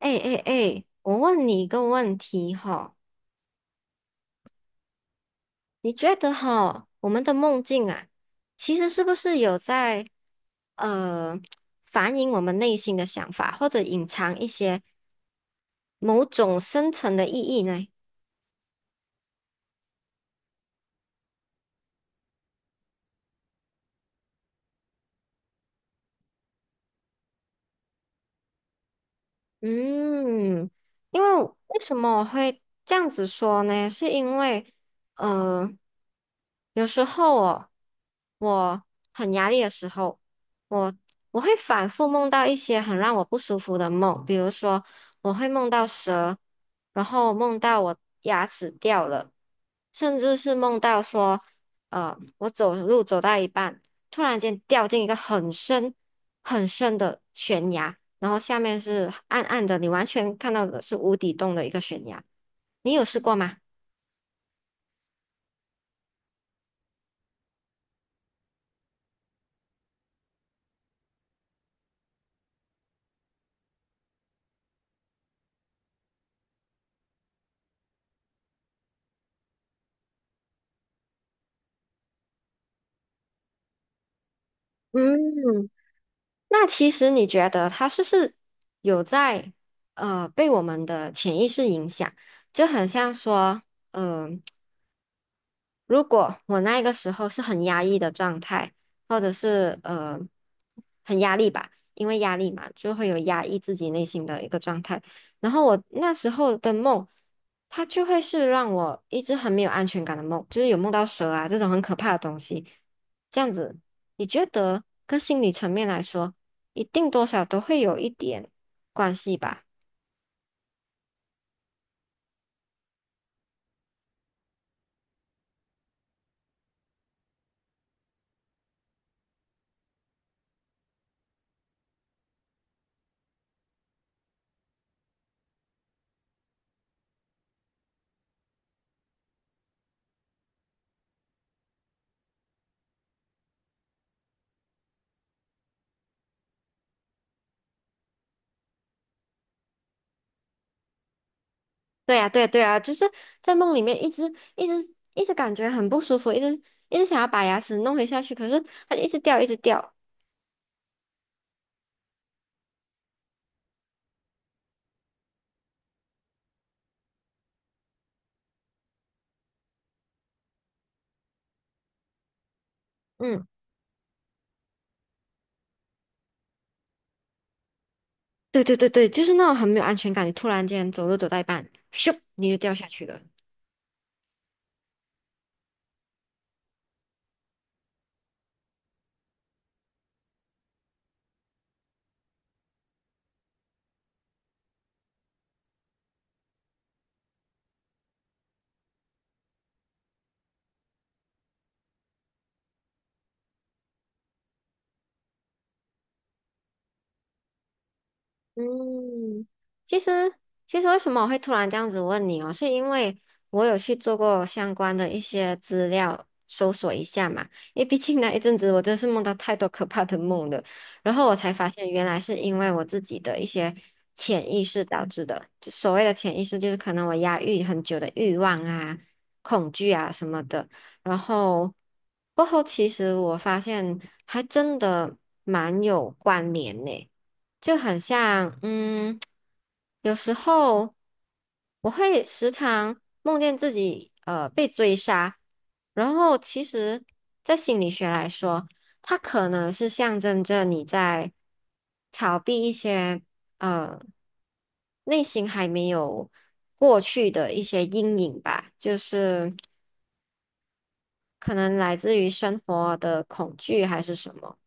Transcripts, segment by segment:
哎哎哎，我问你一个问题哈，你觉得哈，我们的梦境啊，其实是不是有在呃反映我们内心的想法，或者隐藏一些某种深层的意义呢？嗯，因为为什么我会这样子说呢？是因为，呃，有时候我很压力的时候，我我会反复梦到一些很让我不舒服的梦，比如说我会梦到蛇，然后梦到我牙齿掉了，甚至是梦到说，我走路走到一半，突然间掉进一个很深很深的悬崖。然后下面是暗暗的，你完全看到的是无底洞的一个悬崖。你有试过吗？嗯，那其实你觉得它是不是有在被我们的潜意识影响？就很像说，嗯。如果我那个时候是很压抑的状态，或者是很压力吧，因为压力嘛，就会有压抑自己内心的一个状态。然后我那时候的梦，它就会是让我一直很没有安全感的梦，就是有梦到蛇啊这种很可怕的东西。这样子，你觉得跟心理层面来说，一定多少都会有一点关系吧？对呀，对呀对呀，就是在梦里面一直一直一直感觉很不舒服，一直一直想要把牙齿弄回下去，可是它就一直掉，一直掉。嗯，对对对对，就是那种很没有安全感，你突然间走路走到一半，咻，你就掉下去了。嗯，其实为什么我会突然这样子问你哦，是因为我有去做过相关的一些资料搜索一下嘛，因为毕竟那一阵子我真是梦到太多可怕的梦了，然后我才发现原来是因为我自己的一些潜意识导致的，就所谓的潜意识就是可能我压抑很久的欲望啊、恐惧啊什么的，然后过后其实我发现还真的蛮有关联呢。就很像，有时候我会时常梦见自己被追杀，然后其实，在心理学来说，它可能是象征着你在逃避一些呃内心还没有过去的一些阴影吧，就是可能来自于生活的恐惧还是什么。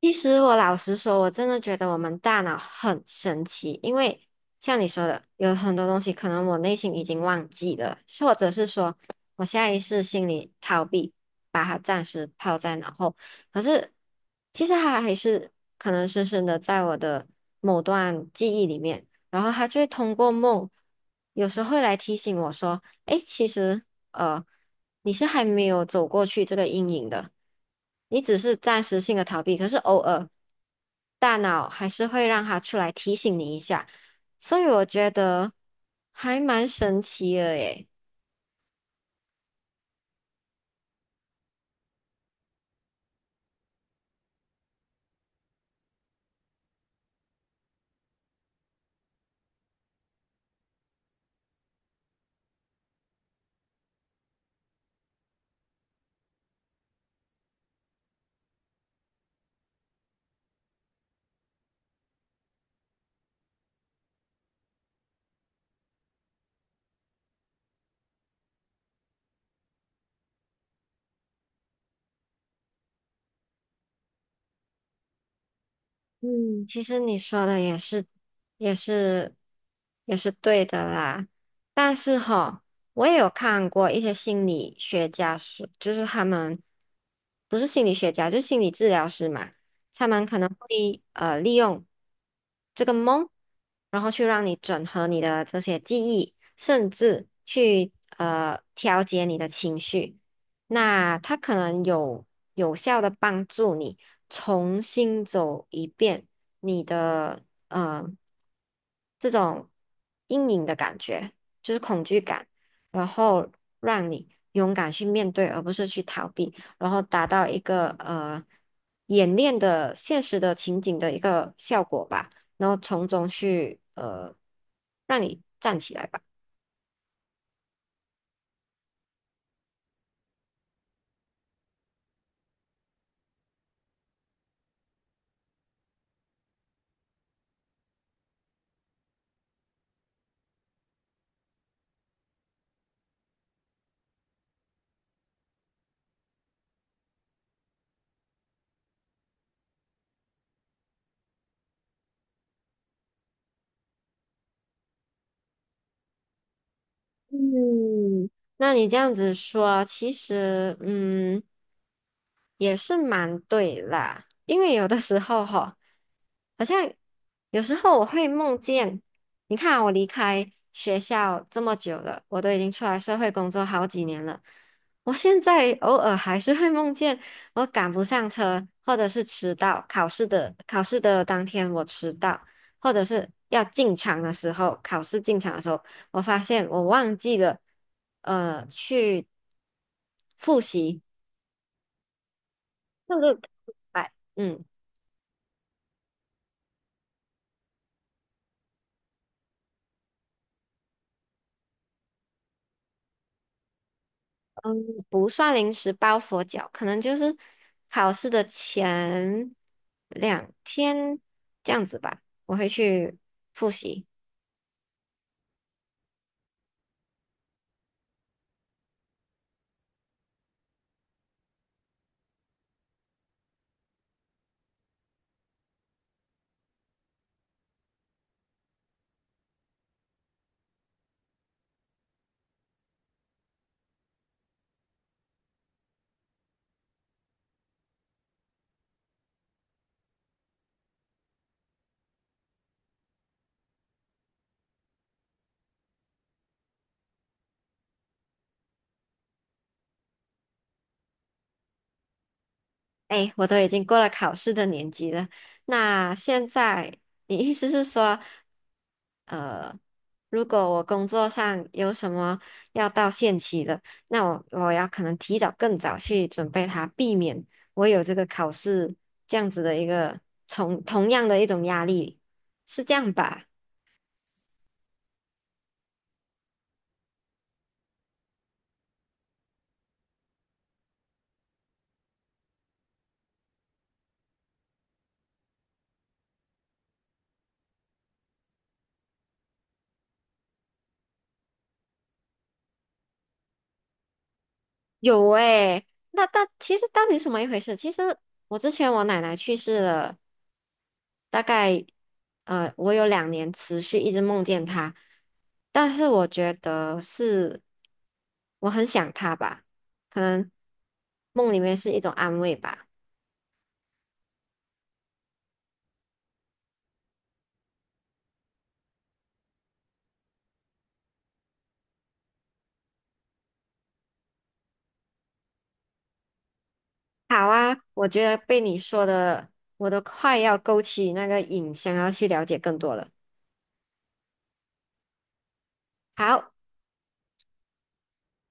其实我老实说，我真的觉得我们大脑很神奇，因为像你说的，有很多东西可能我内心已经忘记了，或者是说我下意识心里逃避，把它暂时抛在脑后。可是其实它还是可能深深的在我的某段记忆里面，然后它就会通过梦，有时候会来提醒我说。诶，其实呃，你是还没有走过去这个阴影的，你只是暂时性的逃避，可是偶尔大脑还是会让它出来提醒你一下，所以我觉得还蛮神奇的耶。嗯，其实你说的也是，也是，也是对的啦。但是哈，我也有看过一些心理学家说，就是他们不是心理学家，就是心理治疗师嘛，他们可能会利用这个梦，然后去让你整合你的这些记忆，甚至去调节你的情绪。那它可能有效的帮助你重新走一遍你的呃这种阴影的感觉，就是恐惧感，然后让你勇敢去面对，而不是去逃避，然后达到一个演练的现实的情景的一个效果吧，然后从中去让你站起来吧。嗯，那你这样子说，其实也是蛮对啦，因为有的时候哈，好像有时候我会梦见，你看啊我离开学校这么久了，我都已经出来社会工作好几年了，我现在偶尔还是会梦见我赶不上车，或者是迟到，考试的当天我迟到。或者是要进场的时候，考试进场的时候，我发现我忘记了，去复习，就是哎，不算临时抱佛脚，可能就是考试的前2天这样子吧，我会去复习。哎，我都已经过了考试的年纪了。那现在，你意思是说，呃，如果我工作上有什么要到限期的，那我要可能提早更早去准备它，避免我有这个考试这样子的一个同样的一种压力，是这样吧？有诶，那但其实到底是什么一回事？其实我之前我奶奶去世了，大概我有2年持续一直梦见他，但是我觉得是我很想他吧，可能梦里面是一种安慰吧。好啊，我觉得被你说的，我都快要勾起那个瘾，想要去了解更多了。好。